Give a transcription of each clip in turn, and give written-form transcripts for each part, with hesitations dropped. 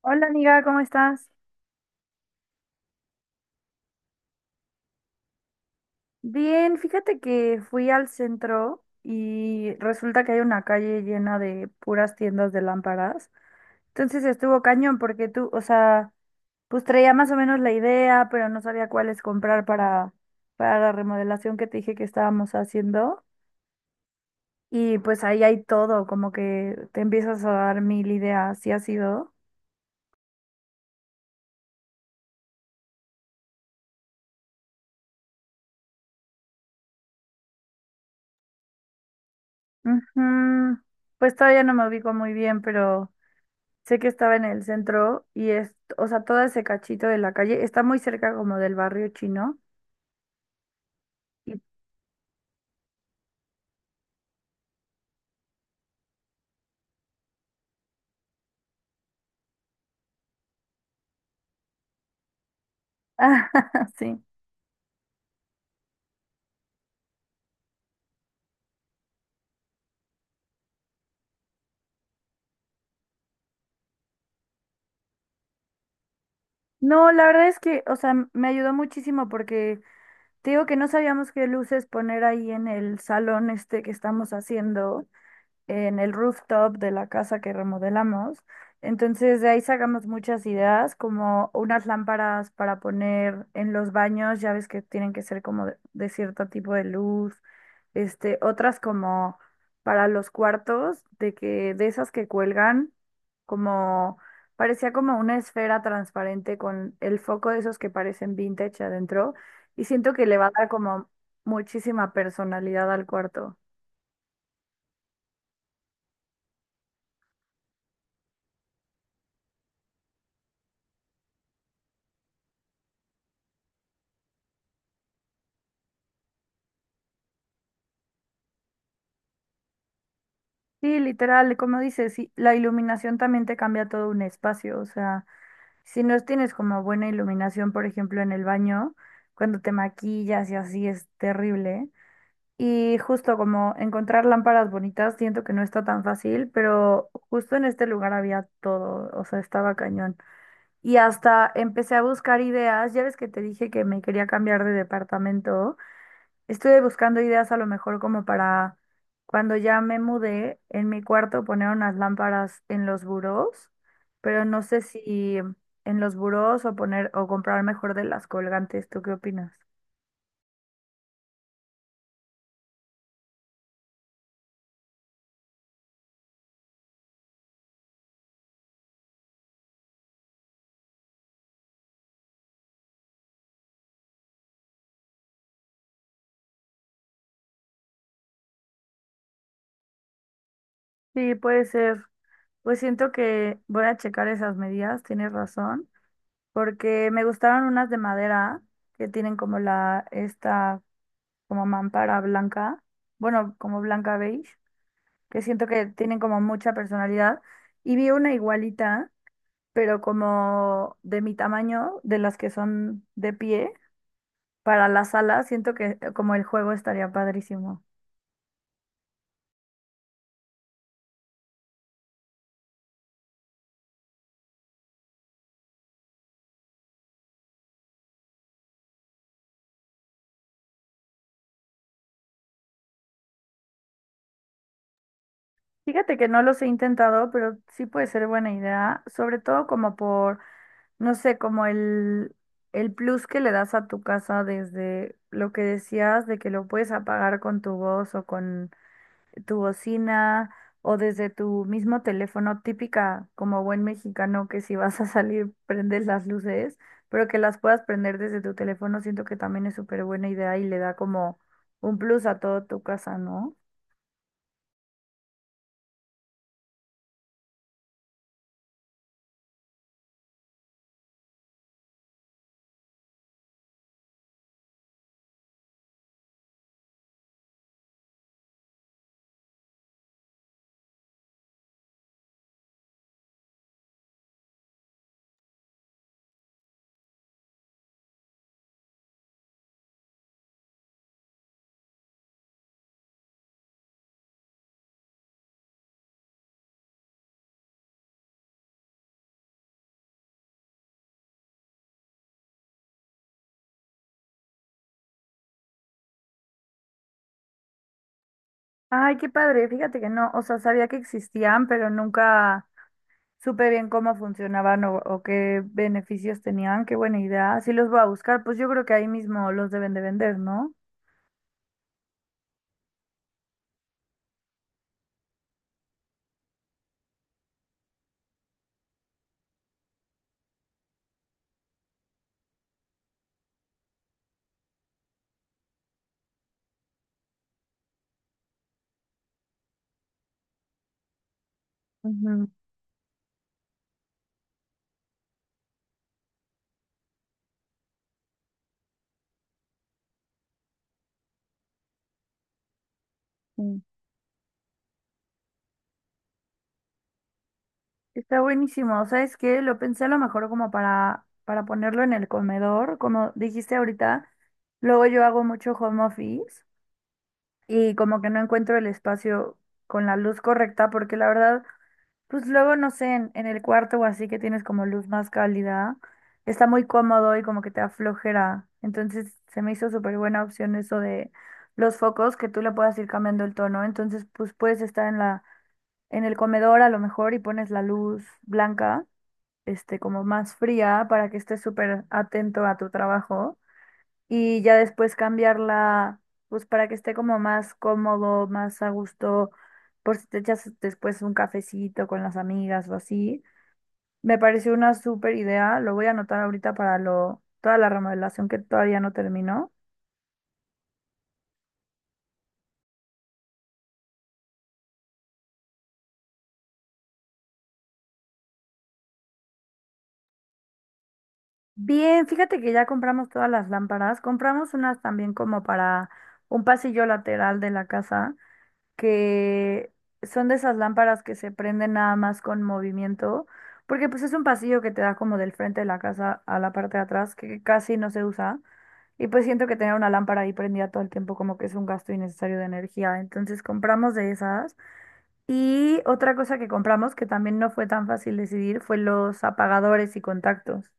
Hola amiga, ¿cómo estás? Bien, fíjate que fui al centro y resulta que hay una calle llena de puras tiendas de lámparas. Entonces estuvo cañón porque tú, o sea, pues traía más o menos la idea, pero no sabía cuáles comprar para la remodelación que te dije que estábamos haciendo. Y pues ahí hay todo, como que te empiezas a dar mil ideas, ¿sí ha sido? Ujú. Pues todavía no me ubico muy bien, pero sé que estaba en el centro y es, o sea, todo ese cachito de la calle está muy cerca como del barrio chino. Y, ah, sí. No, la verdad es que, o sea, me ayudó muchísimo porque te digo que no sabíamos qué luces poner ahí en el salón este que estamos haciendo, en el rooftop de la casa que remodelamos. Entonces de ahí sacamos muchas ideas, como unas lámparas para poner en los baños, ya ves que tienen que ser como de cierto tipo de luz, este, otras como para los cuartos, de que de esas que cuelgan, como parecía como una esfera transparente con el foco de esos que parecen vintage adentro, y siento que le va a dar como muchísima personalidad al cuarto. Sí, literal, como dices, sí, la iluminación también te cambia todo un espacio, o sea, si no tienes como buena iluminación, por ejemplo, en el baño, cuando te maquillas y así es terrible. Y justo como encontrar lámparas bonitas, siento que no está tan fácil, pero justo en este lugar había todo, o sea, estaba cañón. Y hasta empecé a buscar ideas, ya ves que te dije que me quería cambiar de departamento. Estuve buscando ideas a lo mejor como para cuando ya me mudé, en mi cuarto poner unas lámparas en los burós, pero no sé si en los burós o poner o comprar mejor de las colgantes. ¿Tú qué opinas? Sí, puede ser. Pues siento que voy a checar esas medidas, tienes razón, porque me gustaron unas de madera que tienen como la esta como mampara blanca, bueno, como blanca beige, que siento que tienen como mucha personalidad. Y vi una igualita pero como de mi tamaño, de las que son de pie, para la sala, siento que como el juego estaría padrísimo. Fíjate que no los he intentado, pero sí puede ser buena idea, sobre todo como por, no sé, como el plus que le das a tu casa desde lo que decías de que lo puedes apagar con tu voz o con tu bocina o desde tu mismo teléfono, típica como buen mexicano que si vas a salir prendes las luces, pero que las puedas prender desde tu teléfono, siento que también es súper buena idea y le da como un plus a toda tu casa, ¿no? Ay, qué padre, fíjate que no, o sea, sabía que existían, pero nunca supe bien cómo funcionaban o qué beneficios tenían, qué buena idea. Si los voy a buscar, pues yo creo que ahí mismo los deben de vender, ¿no? Ujú, sí. Está buenísimo. ¿Sabes qué? Lo pensé a lo mejor como para ponerlo en el comedor. Como dijiste ahorita, luego yo hago mucho home office y como que no encuentro el espacio con la luz correcta porque la verdad, pues luego no sé, en el cuarto o así que tienes como luz más cálida, está muy cómodo y como que te aflojera. Entonces se me hizo súper buena opción eso de los focos que tú le puedas ir cambiando el tono. Entonces pues puedes estar en la, en el comedor a lo mejor y pones la luz blanca este, como más fría para que estés súper atento a tu trabajo y ya después cambiarla, pues para que esté como más cómodo, más a gusto, por si te echas después un cafecito con las amigas o así. Me pareció una súper idea, lo voy a anotar ahorita para lo, toda la remodelación que todavía no terminó. Bien, fíjate que ya compramos todas las lámparas, compramos unas también como para un pasillo lateral de la casa, que son de esas lámparas que se prenden nada más con movimiento, porque pues es un pasillo que te da como del frente de la casa a la parte de atrás, que casi no se usa, y pues siento que tener una lámpara ahí prendida todo el tiempo como que es un gasto innecesario de energía, entonces compramos de esas. Y otra cosa que compramos que también no fue tan fácil decidir fue los apagadores y contactos.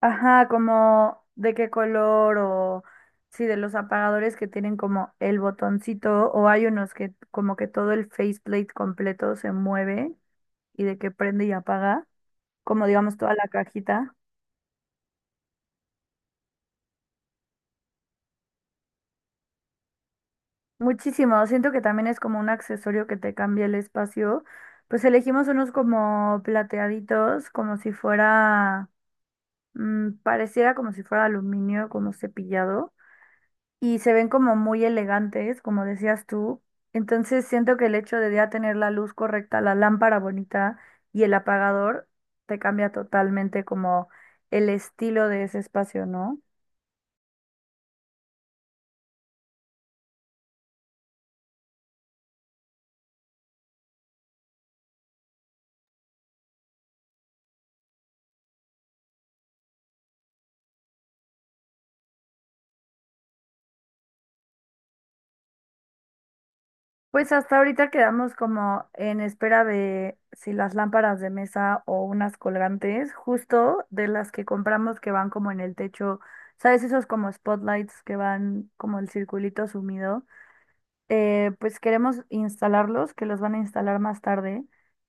Ajá, como de qué color o sí, de los apagadores que tienen como el botoncito o hay unos que como que todo el faceplate completo se mueve y de que prende y apaga, como digamos toda la cajita. Muchísimo, siento que también es como un accesorio que te cambia el espacio. Pues elegimos unos como plateaditos, como si fuera, pareciera como si fuera aluminio, como cepillado, y se ven como muy elegantes, como decías tú. Entonces siento que el hecho de ya tener la luz correcta, la lámpara bonita y el apagador te cambia totalmente como el estilo de ese espacio, ¿no? Pues hasta ahorita quedamos como en espera de si las lámparas de mesa o unas colgantes, justo de las que compramos que van como en el techo, ¿sabes? Esos como spotlights que van como el circulito sumido. Pues queremos instalarlos, que los van a instalar más tarde,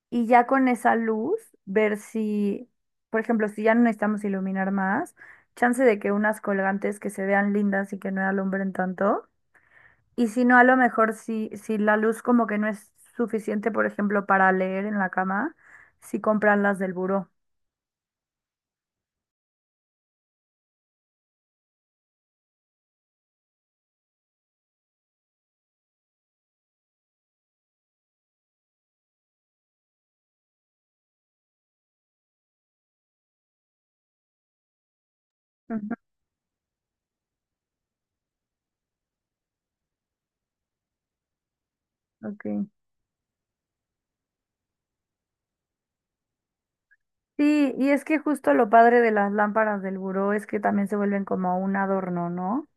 y ya con esa luz, ver si, por ejemplo, si ya no necesitamos iluminar más, chance de que unas colgantes que se vean lindas y que no alumbren tanto, y si no, a lo mejor si, si la luz como que no es suficiente, por ejemplo, para leer en la cama, si compran las del buró. Ujú, ok. Sí, y es que justo lo padre de las lámparas del buró es que también se vuelven como un adorno, ¿no?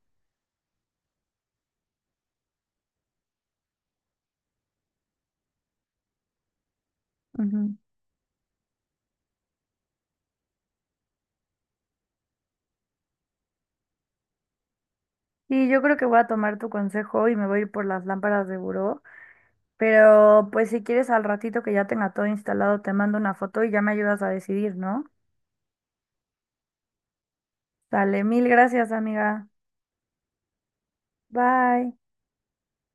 Ujú. Y yo creo que voy a tomar tu consejo y me voy a ir por las lámparas de buró. Pero pues si quieres al ratito que ya tenga todo instalado, te mando una foto y ya me ayudas a decidir, ¿no? Dale, mil gracias, amiga. Bye.